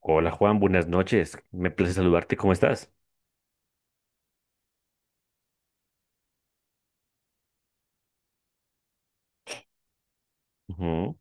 Hola Juan, buenas noches. Me place saludarte. ¿Cómo estás? Ujú.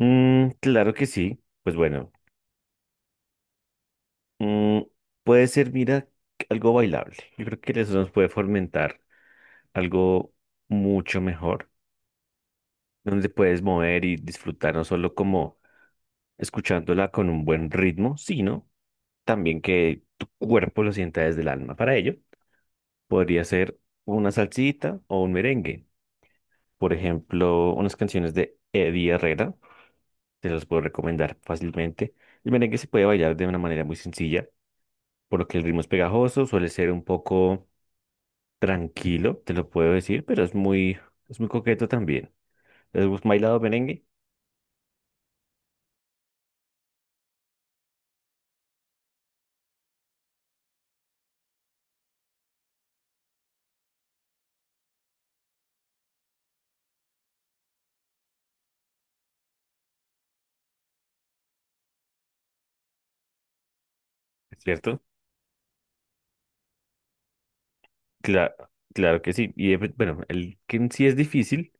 Claro que sí. Pues bueno, mm, puede ser, mira, algo bailable. Yo creo que eso nos puede fomentar algo mucho mejor, donde puedes mover y disfrutar no solo como escuchándola con un buen ritmo, sino también que tu cuerpo lo sienta desde el alma. Para ello, podría ser una salsita o un merengue. Por ejemplo, unas canciones de Eddie Herrera. Te los puedo recomendar fácilmente. El merengue se puede bailar de una manera muy sencilla, por lo que el ritmo es pegajoso, suele ser un poco tranquilo, te lo puedo decir, pero es muy coqueto también. ¿Has bailado merengue? ¿Es cierto? Claro, claro que sí. Y bueno, el que en sí es difícil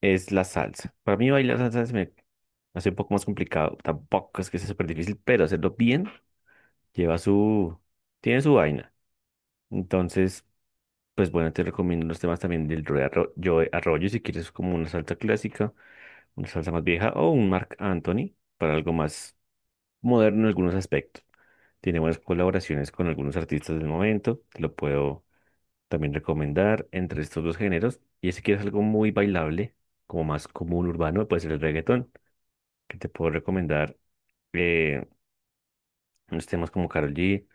es la salsa. Para mí bailar salsa se me hace un poco más complicado. Tampoco es que sea súper difícil, pero hacerlo bien lleva su, tiene su vaina. Entonces, pues bueno, te recomiendo los temas también del Joe Arroyo, si quieres como una salsa clásica, una salsa más vieja, o un Marc Anthony para algo más moderno en algunos aspectos. Tiene buenas colaboraciones con algunos artistas del momento, te lo puedo también recomendar entre estos dos géneros. Y si quieres algo muy bailable, como más común urbano, puede ser el reggaetón, que te puedo recomendar eh, unos temas como Karol G,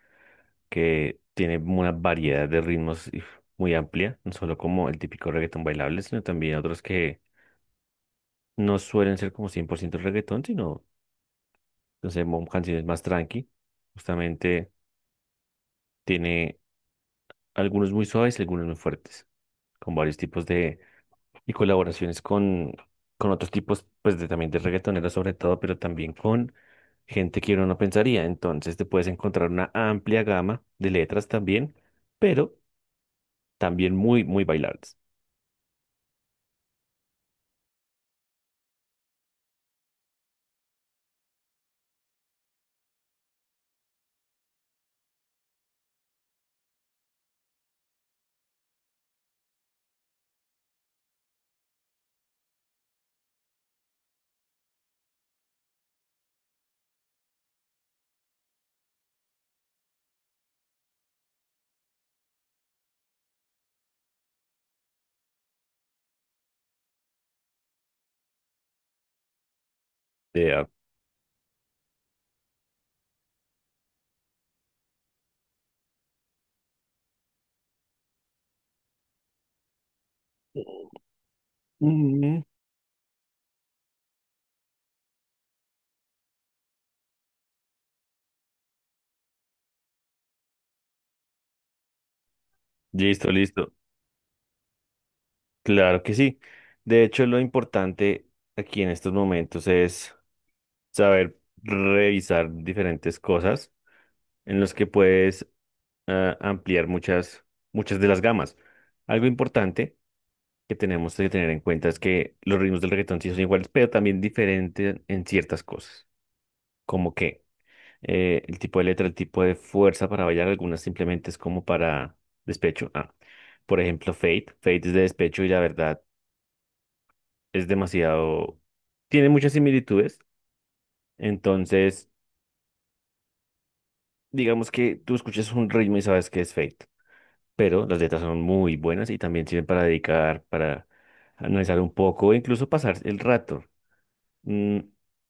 que tiene una variedad de ritmos muy amplia, no solo como el típico reggaetón bailable, sino también otros que no suelen ser como 100% reggaetón, sino, no sé, canciones más tranqui. Justamente tiene algunos muy suaves y algunos muy fuertes, con varios tipos de, y colaboraciones con otros tipos, pues de, también de reggaetoneros sobre todo, pero también con gente que uno no pensaría. Entonces te puedes encontrar una amplia gama de letras también, pero también muy, muy bailables. Vea. Mm. Listo, listo. Claro que sí. De hecho, lo importante aquí en estos momentos es saber revisar diferentes cosas en los que puedes ampliar muchas, muchas de las gamas. Algo importante que tenemos que tener en cuenta es que los ritmos del reggaetón sí son iguales, pero también diferentes en ciertas cosas. ¿Como qué? El tipo de letra, el tipo de fuerza para bailar, algunas simplemente es como para despecho. Ah, por ejemplo, Fate. Fate es de despecho y la verdad es demasiado, tiene muchas similitudes. Entonces, digamos que tú escuchas un ritmo y sabes que es fake, pero las letras son muy buenas y también sirven para dedicar, para analizar un poco, e incluso pasar el rato. Mm,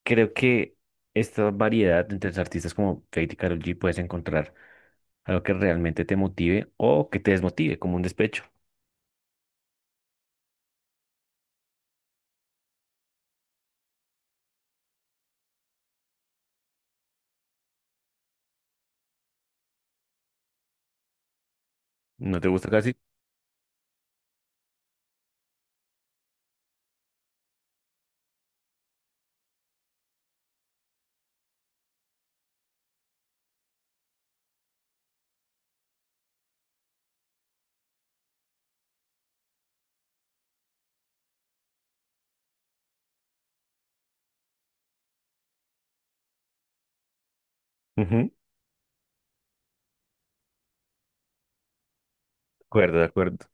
creo que esta variedad entre los artistas como Fate y Karol G puedes encontrar algo que realmente te motive o que te desmotive, como un despecho. ¿No te gusta casi? Ujú. De acuerdo, de acuerdo.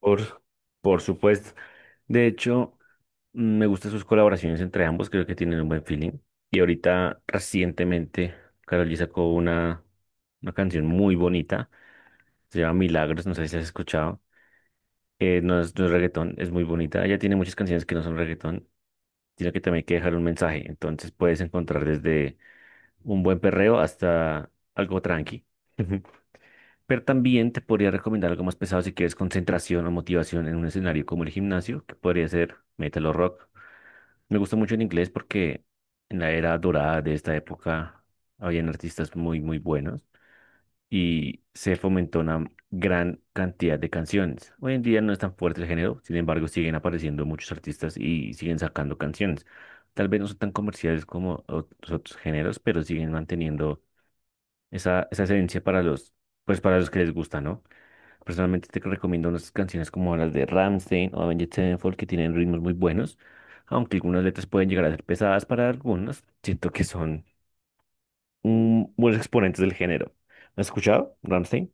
Por, por supuesto. De hecho, me gustan sus colaboraciones entre ambos, creo que tienen un buen feeling. Y ahorita, recientemente, Karol G sacó una canción muy bonita, se llama Milagros, no sé si has escuchado. No es reggaetón, es muy bonita. Ella tiene muchas canciones que no son reggaetón, sino que también hay que dejar un mensaje. Entonces puedes encontrar desde un buen perreo hasta algo tranqui. Pero también te podría recomendar algo más pesado si quieres concentración o motivación en un escenario como el gimnasio, que podría ser metal o rock. Me gusta mucho en inglés porque en la era dorada de esta época habían artistas muy, muy buenos y se fomentó una gran cantidad de canciones. Hoy en día no es tan fuerte el género, sin embargo siguen apareciendo muchos artistas y siguen sacando canciones. Tal vez no son tan comerciales como los otros géneros, pero siguen manteniendo esa esencia para pues para los que les gusta, ¿no? Personalmente te recomiendo unas canciones como las de Rammstein o Avenged Sevenfold, que tienen ritmos muy buenos, aunque algunas letras pueden llegar a ser pesadas para algunos, siento que son buenos exponentes del género. ¿Has escuchado Rammstein?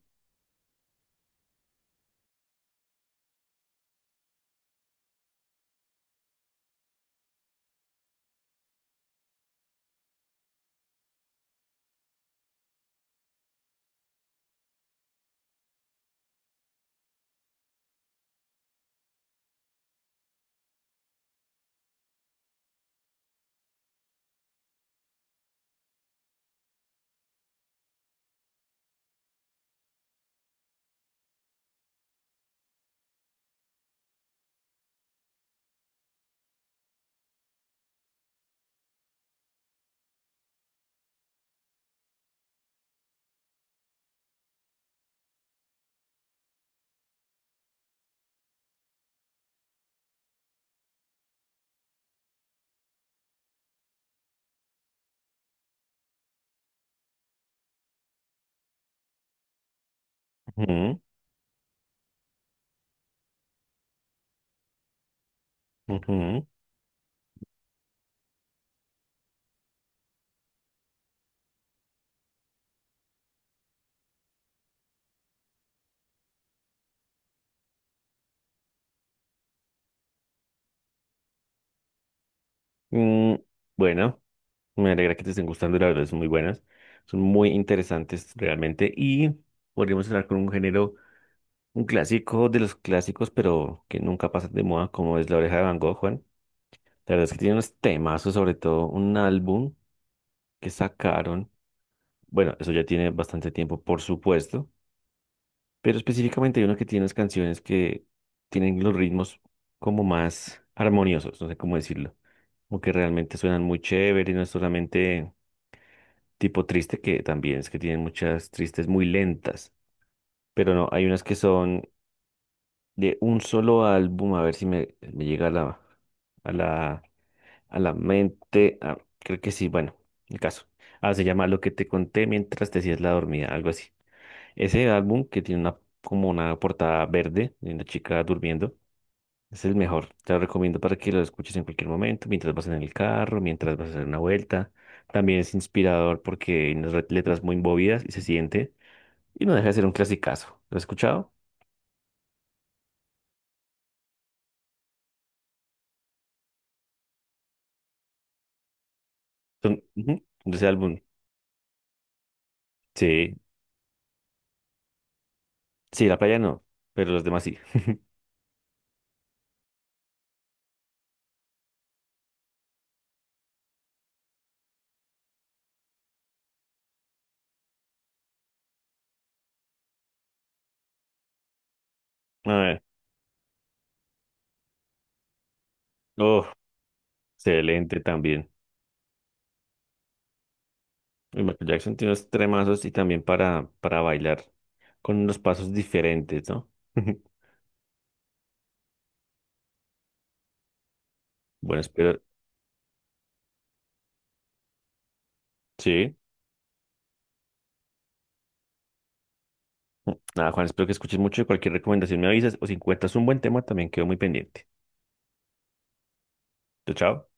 Ujú, ujú. Mm, bueno, me alegra que te estén gustando, la verdad, son muy buenas, son muy interesantes realmente, y podríamos hablar con un género. Un clásico de los clásicos, pero que nunca pasa de moda, como es La Oreja de Van Gogh, Juan. La verdad es que tiene unos temazos, sobre todo un álbum que sacaron. Bueno, eso ya tiene bastante tiempo, por supuesto, pero específicamente hay uno que tiene unas canciones que tienen los ritmos como más armoniosos, no sé cómo decirlo. Como que realmente suenan muy chévere y no es solamente tipo triste, que también es que tienen muchas tristes muy lentas, pero no, hay unas que son de un solo álbum, a ver si me llega a a la, a la mente. Ah, creo que sí, bueno, el caso. Ah, se llama Lo que te conté mientras te hacías la dormida, algo así. Ese álbum que tiene una, como una portada verde de una chica durmiendo, es el mejor. Te lo recomiendo para que lo escuches en cualquier momento, mientras vas en el carro, mientras vas a hacer una vuelta. También es inspirador porque hay unas letras muy movidas y se siente, y no deja de ser un clasicazo. ¿Lo has escuchado? Son, ujú, de ese álbum. Sí. Sí, la playa no, pero los demás sí. A ver, oh, excelente también. Y Michael Jackson tiene unos tremazos y también para bailar con unos pasos diferentes, ¿no? Bueno, espero, sí. Nada, Juan, espero que escuches mucho y cualquier recomendación me avisas, o si encuentras un buen tema también quedo muy pendiente. Chao, chao.